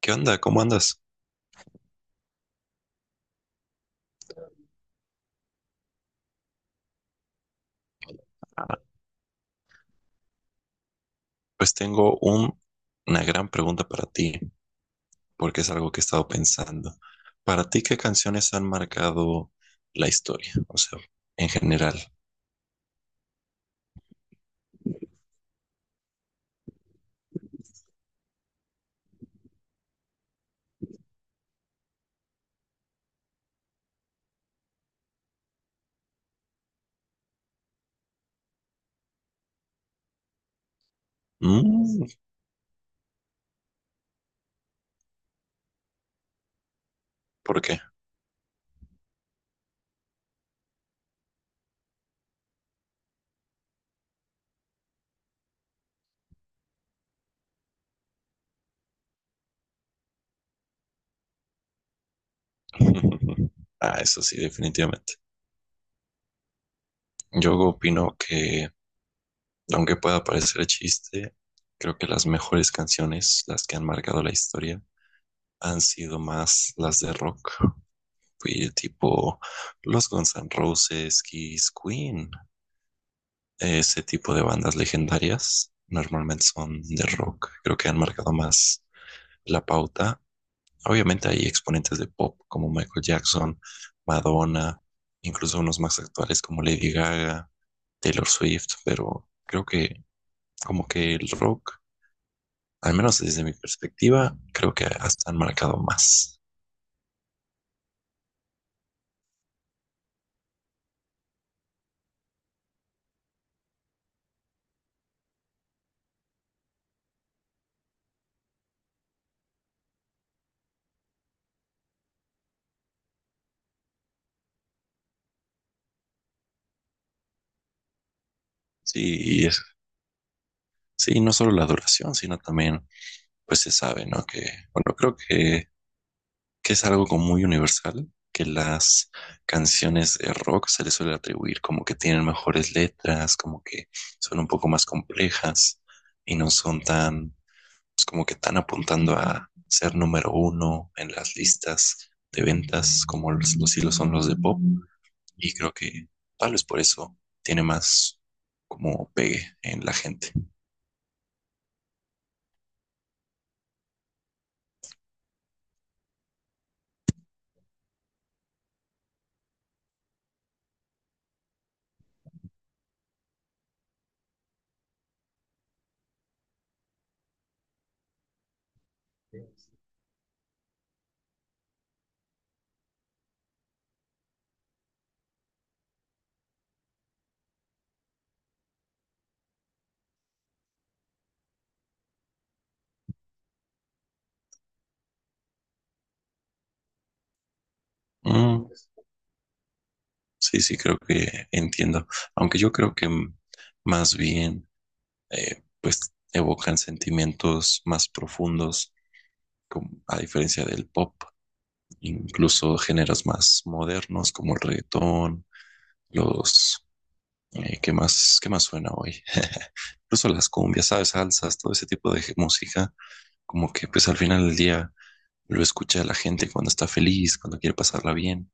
¿Qué onda? ¿Cómo andas? Ah, pues tengo una gran pregunta para ti, porque es algo que he estado pensando. Para ti, ¿qué canciones han marcado la historia? O sea, en general. Mm, ¿por qué? Ah, eso sí, definitivamente. Yo opino que, aunque pueda parecer chiste, creo que las mejores canciones, las que han marcado la historia, han sido más las de rock. Fui tipo los Guns N' Roses, Kiss, Queen. Ese tipo de bandas legendarias normalmente son de rock. Creo que han marcado más la pauta. Obviamente hay exponentes de pop como Michael Jackson, Madonna, incluso unos más actuales como Lady Gaga, Taylor Swift, pero creo que como que el rock, al menos desde mi perspectiva, creo que hasta han marcado más. Sí, sí, no solo la duración, sino también, pues se sabe, ¿no? Que, bueno, creo que es algo como muy universal, que las canciones de rock se les suele atribuir como que tienen mejores letras, como que son un poco más complejas y no son tan, pues, como que tan apuntando a ser número uno en las listas de ventas como los hilos son los de pop. Y creo que tal vez por eso tiene más como pegue en la gente. Mm, sí, sí, creo que entiendo. Aunque yo creo que más bien pues evocan sentimientos más profundos, como, a diferencia del pop, incluso géneros más modernos como el reggaetón, los qué más suena hoy? Incluso las cumbias, ¿sabes? Salsas, todo ese tipo de música, como que pues al final del día lo escucha la gente cuando está feliz, cuando quiere pasarla bien.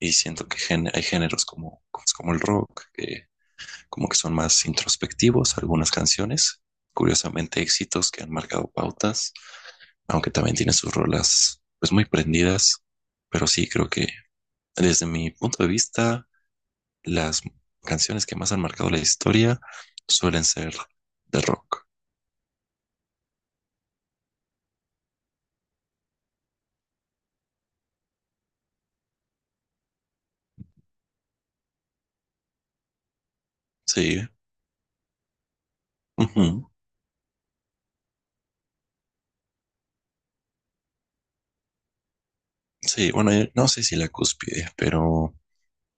Y siento que hay géneros como, pues, como el rock, que como que son más introspectivos algunas canciones, curiosamente éxitos que han marcado pautas, aunque también tiene sus rolas pues muy prendidas, pero sí creo que desde mi punto de vista las canciones que más han marcado la historia suelen ser de rock. Sí, ujú. Sí, bueno, no sé si la cúspide, pero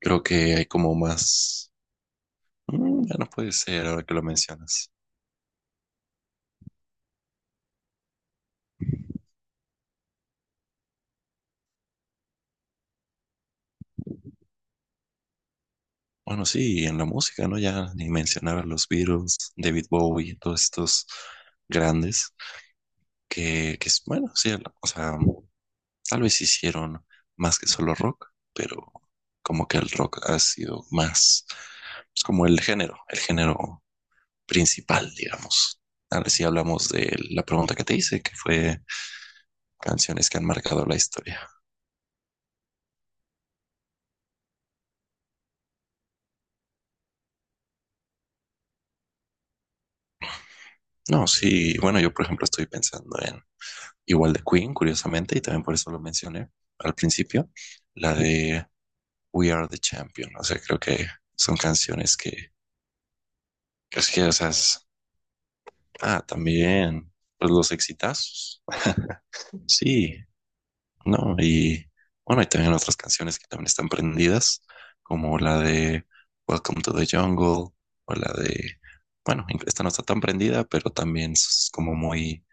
creo que hay como más... Mm, ya no puede ser ahora que lo mencionas. Bueno, sí, y en la música, ¿no? Ya ni mencionar a los Beatles, David Bowie, todos estos grandes que, bueno, sí, o sea, tal vez hicieron más que solo rock, pero como que el rock ha sido más, pues como el género principal, digamos. Ahora sí hablamos de la pregunta que te hice, que fue canciones que han marcado la historia. No, sí, bueno, yo por ejemplo estoy pensando. Igual de Queen, curiosamente, y también por eso lo mencioné al principio, la de We Are the Champion. O sea, creo que son canciones que es que, o sea, es- ah, también, pues los exitazos. Sí, no, y bueno, y también otras canciones que también están prendidas, como la de Welcome to the Jungle, o la de, bueno, esta no está tan prendida, pero también es como muy,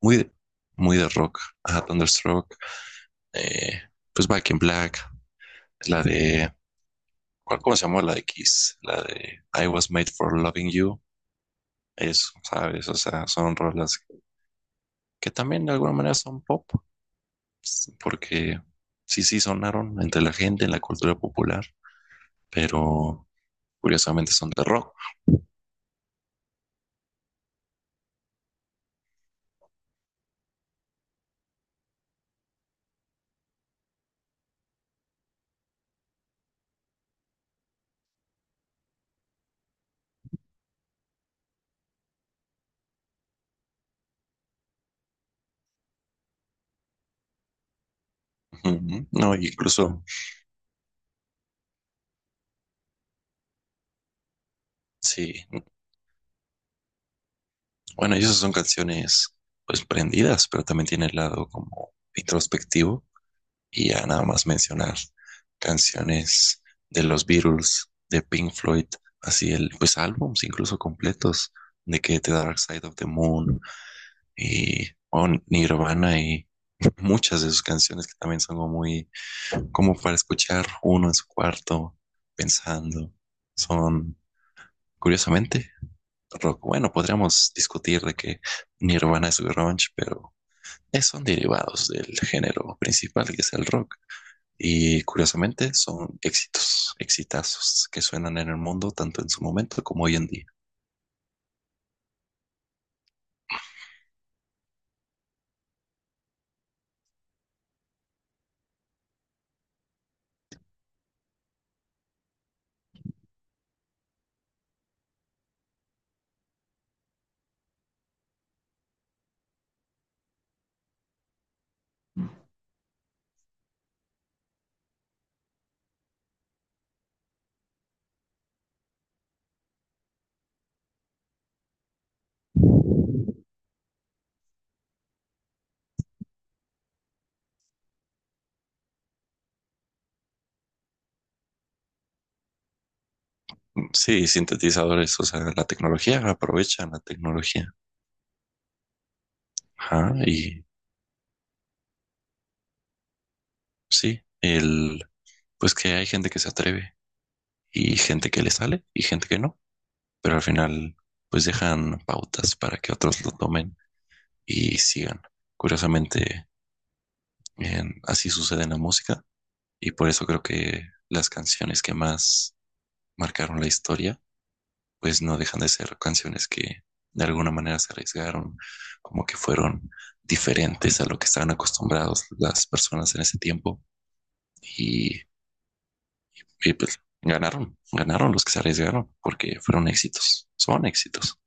muy, muy de rock. Ajá, Thunderstruck, eh, pues Back in Black. La de, ¿cuál, cómo se llama? La de Kiss, la de I Was Made for Loving You. Eso, ¿sabes? O sea, son rolas que también de alguna manera son pop, porque sí, sí sonaron entre la gente, en la cultura popular, pero curiosamente son de rock. Ujú. No, incluso, sí, bueno, y esas son canciones pues prendidas, pero también tiene el lado como introspectivo. Y ya nada más mencionar canciones de los Beatles, de Pink Floyd, así el, pues álbums incluso completos, de que The Dark Side of the Moon y oh, Nirvana y muchas de sus canciones que también son como muy, como para escuchar uno en su cuarto pensando. Son, curiosamente, rock. Bueno, podríamos discutir de que Nirvana es grunge, pero son derivados del género principal que es el rock. Y curiosamente son éxitos, exitazos que suenan en el mundo tanto en su momento como hoy en día. Sí, sintetizadores, o sea, la tecnología, aprovechan la tecnología. Ajá, y sí, el, pues que hay gente que se atreve y gente que le sale y gente que no, pero al final pues dejan pautas para que otros lo tomen y sigan. Curiosamente, así sucede en la música y por eso creo que las canciones que más marcaron la historia pues no dejan de ser canciones que de alguna manera se arriesgaron, como que fueron diferentes a lo que estaban acostumbrados las personas en ese tiempo y, y pues ganaron, ganaron los que se arriesgaron porque fueron éxitos, son éxitos.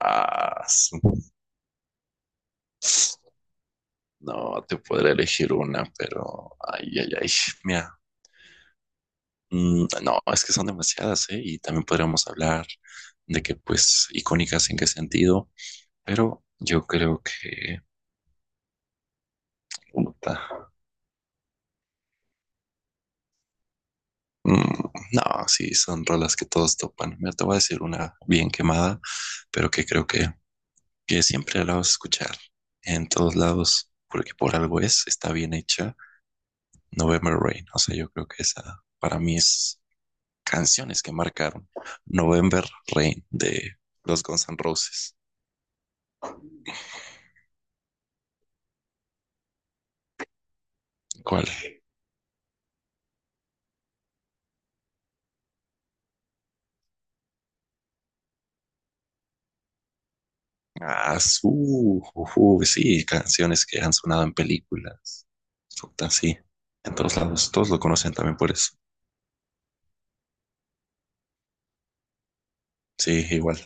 Ah, sí. No te podré elegir una, pero ay, ay, ay, mira, mm, no, es que son demasiadas, ¿eh? Y también podríamos hablar de que, pues, icónicas en qué sentido, pero yo creo que puta, mm, no, sí, son rolas que todos topan. Mira, te voy a decir una bien quemada, pero que creo que siempre la vas a escuchar en todos lados, porque por algo es, está bien hecha. November Rain, o sea, yo creo que esa para mí es canciones que marcaron. November Rain de los Guns N' Roses. ¿Cuál? Ah, su, ujú, sí, canciones que han sonado en películas. Puta, sí, en todos lados, todos lo conocen también por eso. Sí, igual.